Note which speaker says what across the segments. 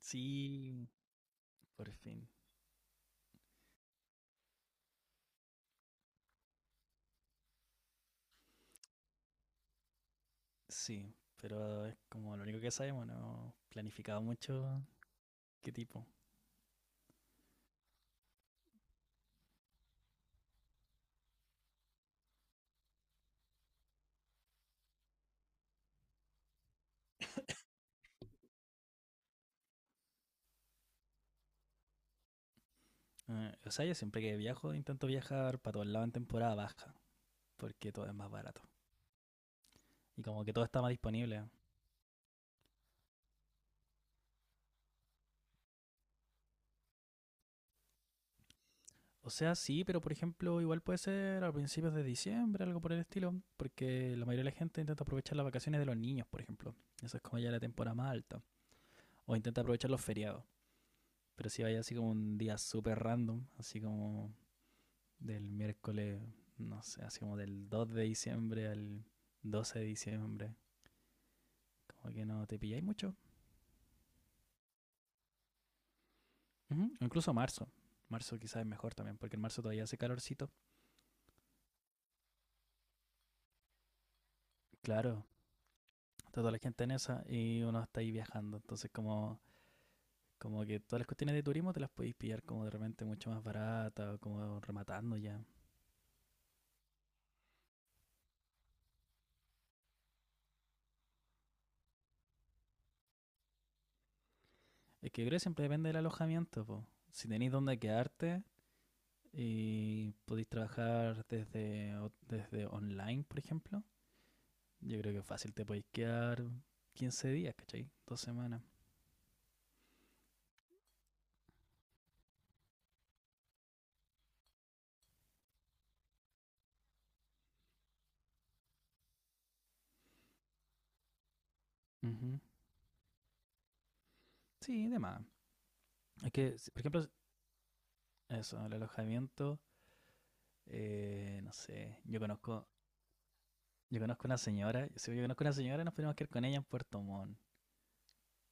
Speaker 1: Sí, por fin. Sí, pero es como lo único que sabemos, no he planificado mucho qué tipo. O sea, yo siempre que viajo intento viajar para todos lados en temporada baja, porque todo es más barato. Y como que todo está más disponible. O sea, sí, pero por ejemplo, igual puede ser a principios de diciembre, algo por el estilo, porque la mayoría de la gente intenta aprovechar las vacaciones de los niños, por ejemplo. Eso es como ya la temporada más alta. O intenta aprovechar los feriados. Pero si vaya así como un día súper random, así como del miércoles, no sé, así como del 2 de diciembre al 12 de diciembre. Como que no te pilláis mucho. Ujú, o incluso marzo. Marzo quizás es mejor también, porque en marzo todavía hace calorcito. Claro, está toda la gente en esa y uno está ahí viajando. Entonces como que todas las cuestiones de turismo te las podéis pillar como de repente mucho más barata o como rematando ya. Es que yo creo que siempre depende del alojamiento, po. Si tenéis dónde quedarte y podéis trabajar desde online, por ejemplo. Yo creo que fácil te podéis quedar 15 días, ¿cachai? 2 semanas. Ujú. Sí, de más. Es que, si- Por ejemplo, eso, el alojamiento, no sé, yo conozco una señora, si yo conozco una señora nos podemos quedar con ella en Puerto Montt,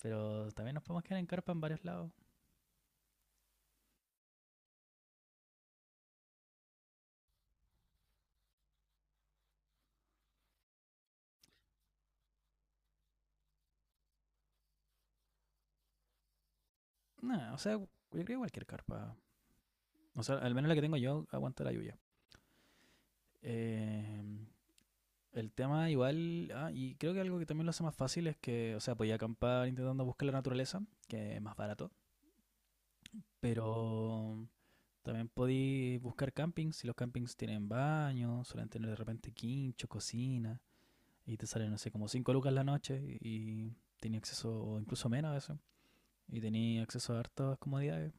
Speaker 1: pero también nos podemos quedar en carpa en varios lados. No, o sea, yo creo que cualquier carpa, o sea, al menos la que tengo yo aguanta la lluvia. Eh, el tema igual, y creo que algo que también lo hace más fácil es que, o sea, podía acampar intentando buscar la naturaleza, que es más barato. Pero también podéis buscar campings. Si los campings tienen baño, suelen tener de repente quincho, cocina. Y te salen, no sé, como 5 lucas la noche. Y tenía acceso, o incluso menos a eso. Y tenía acceso a hartas comodidades.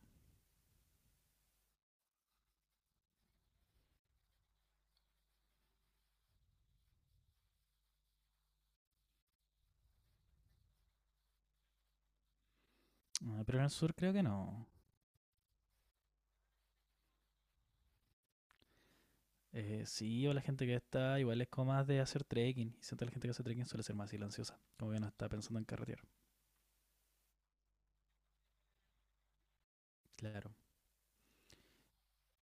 Speaker 1: Ah, pero en el sur creo que no. Sí, o la gente que está igual es como más de hacer trekking. Y siento que la gente que hace trekking suele ser más silenciosa. Como que no está pensando en carretear. Claro.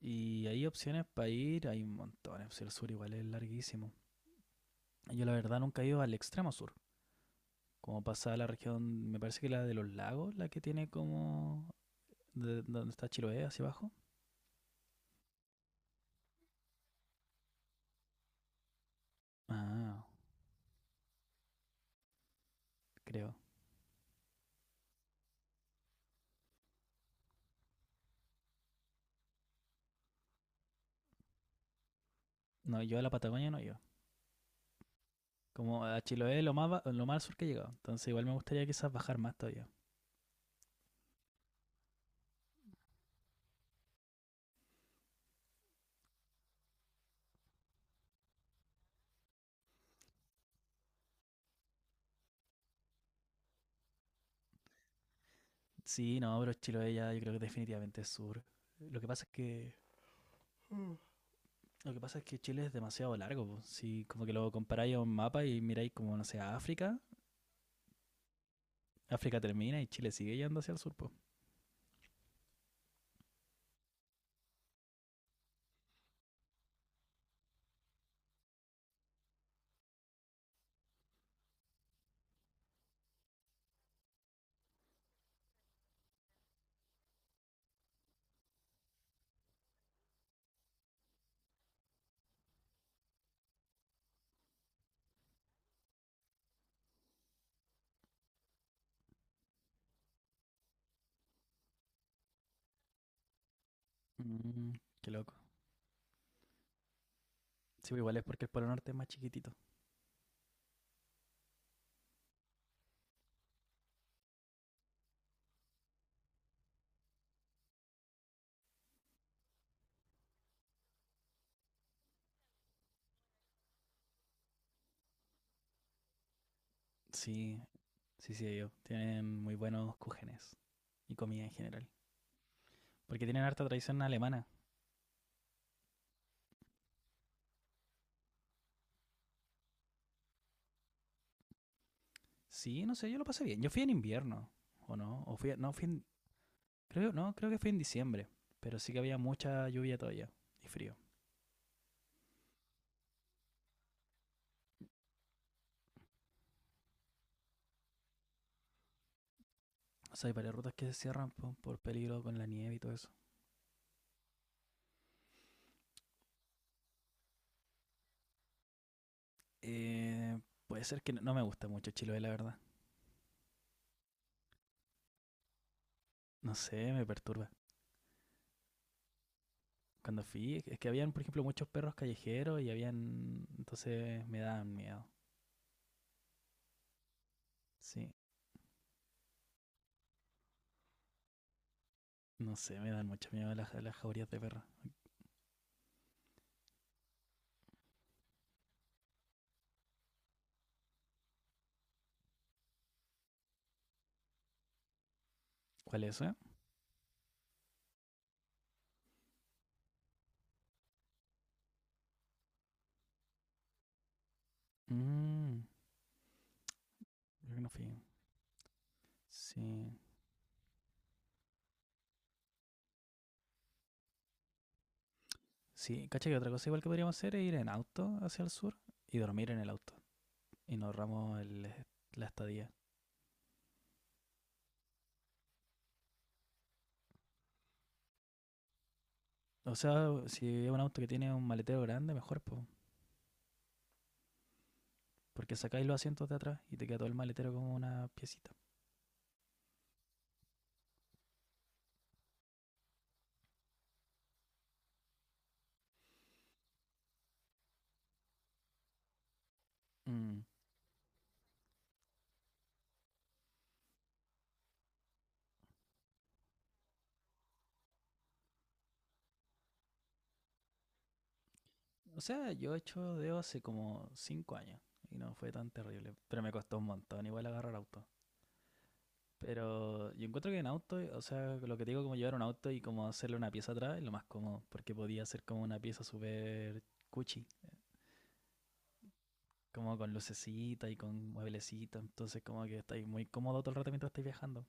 Speaker 1: Y hay opciones para ir, hay un montón. El sur igual es larguísimo. Yo la verdad nunca he ido al extremo sur. Como pasada la región, me parece que la de los lagos, la que tiene como donde está Chiloé hacia abajo. Ah, creo. No, yo a la Patagonia no yo. Como a Chiloé lo más al sur que he llegado. Entonces igual me gustaría quizás bajar más todavía. Sí, no, pero Chiloé ya yo creo que definitivamente es sur. Lo que pasa es que lo que pasa es que Chile es demasiado largo, po. Si como que lo comparáis a un mapa y miráis como no sé, a África, África termina y Chile sigue yendo hacia el sur, pues. Qué loco. Sí, pero igual es porque el Polo Norte es más chiquitito. Sí, sí, sí, ellos tienen muy buenos cúgenes y comida en general. Porque tienen harta tradición alemana. Sí, no sé, yo lo pasé bien. Yo fui en invierno, ¿o no? O fui, no, fui en, creo, no, creo que fui en diciembre. Pero sí que había mucha lluvia todavía y frío. O sea, hay varias rutas que se cierran por, peligro con la nieve y todo eso. Eh, Puede ser que no, no me gusta mucho Chiloé, la verdad. No sé, me perturba. Cuando fui, es que habían, por ejemplo, muchos perros callejeros y habían. Entonces me daban miedo. Sí, no sé, me dan mucho miedo las jaurías de perros. ¿Cuál es esa? Mmm, Creo que no fui. Sí. Sí, cacha que otra cosa igual que podríamos hacer es ir en auto hacia el sur y dormir en el auto. Y nos ahorramos la estadía. O sea, si es un auto que tiene un maletero grande, mejor, po, porque sacáis los asientos de atrás y te queda todo el maletero como una piecita. Mm. O sea, yo he hecho deo hace como 5 años y no fue tan terrible, pero me costó un montón igual agarrar auto. Pero yo encuentro que en auto, o sea, lo que te digo, como llevar un auto y como hacerle una pieza atrás es lo más cómodo, porque podía hacer como una pieza súper cuchi, como con lucecita y con mueblecita, entonces como que estáis muy cómodo todo el rato mientras estáis viajando.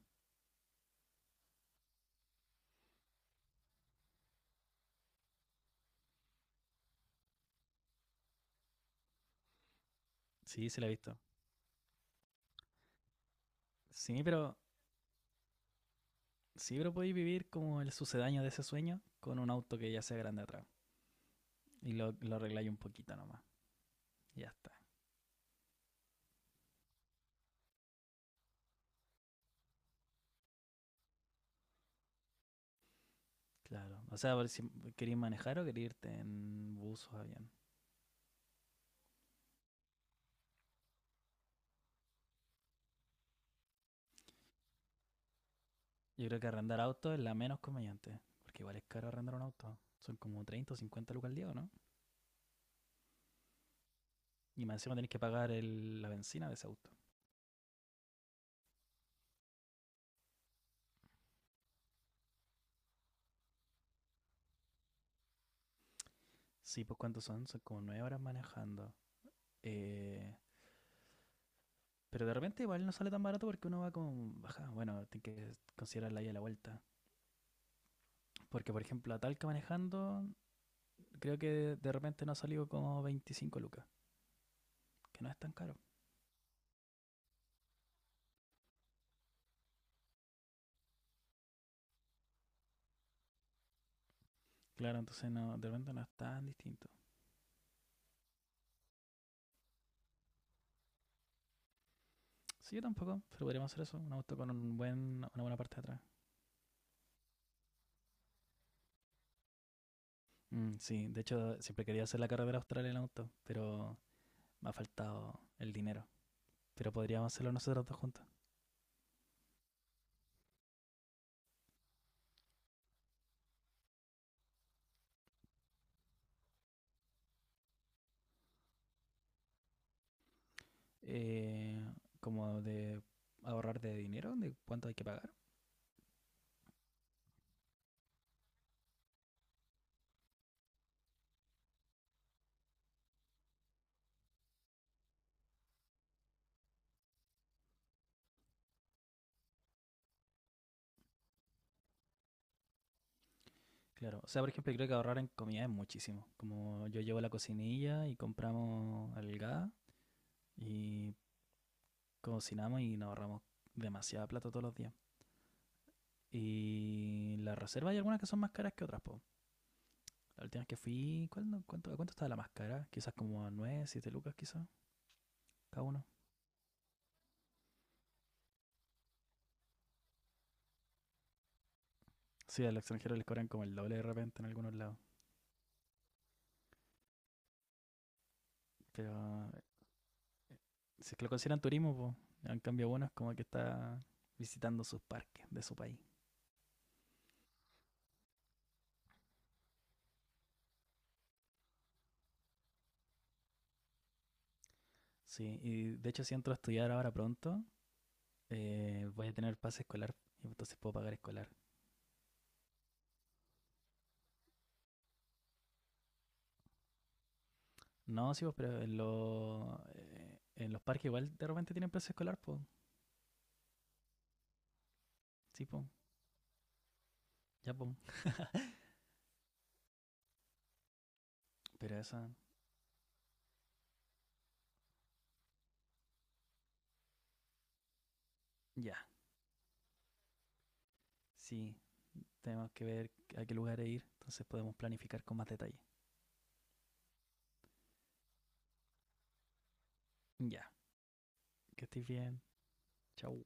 Speaker 1: Sí, se la he visto. Sí, pero sí, pero podéis vivir como el sucedaño de ese sueño con un auto que ya sea grande atrás y lo arregláis un poquito nomás, ya está. Claro, o sea, a si queréis manejar o queréis irte en bus o avión. Yo creo que arrendar auto es la menos conveniente, porque igual es caro arrendar un auto. Son como 30 o 50 lucas al día, ¿no? Y más encima tenés que pagar la bencina de ese auto. Sí, pues, ¿cuántos son? Son como 9 horas manejando. Eh, pero de repente igual no sale tan barato porque uno va con baja. Bueno, tienes que considerar la ida y la vuelta. Porque, por ejemplo, a Talca manejando, creo que de repente no ha salido como 25 lucas, que no es tan caro. Claro, entonces no, de repente no es tan distinto. Sí, yo tampoco, pero podríamos hacer eso, un auto con una buena parte de atrás. Mm, sí, de hecho siempre quería hacer la carrera austral en auto, pero me ha faltado el dinero. Pero podríamos hacerlo nosotros dos juntos. Eh, Como de ahorrar de dinero, de cuánto hay que pagar. Claro, o sea, por ejemplo, creo que ahorrar en comida es muchísimo. Como yo llevo la cocinilla y compramos el gas y cocinamos y nos ahorramos demasiada plata todos los días. Y las reservas hay algunas que son más caras que otras, po. La última vez que fui, ¿cuál no- cuánto, a ¿cuánto estaba la más cara? Quizás como a 9, 7 lucas, quizás, cada uno. Sí, a los extranjeros les cobran como el doble de repente en algunos lados. Pero si es que lo consideran turismo, pues, en cambio bueno, es como que está visitando sus parques de su país. Sí, y de hecho si entro a estudiar ahora pronto, voy a tener pase escolar y entonces puedo pagar escolar. No, sí, pues, pero en los parques igual de repente tienen pase escolar, pues. Sí, pues, ya, pues. Pero esa, ya, sí, tenemos que ver a qué lugar ir, entonces podemos planificar con más detalle. Ya, que estés bien. Chau.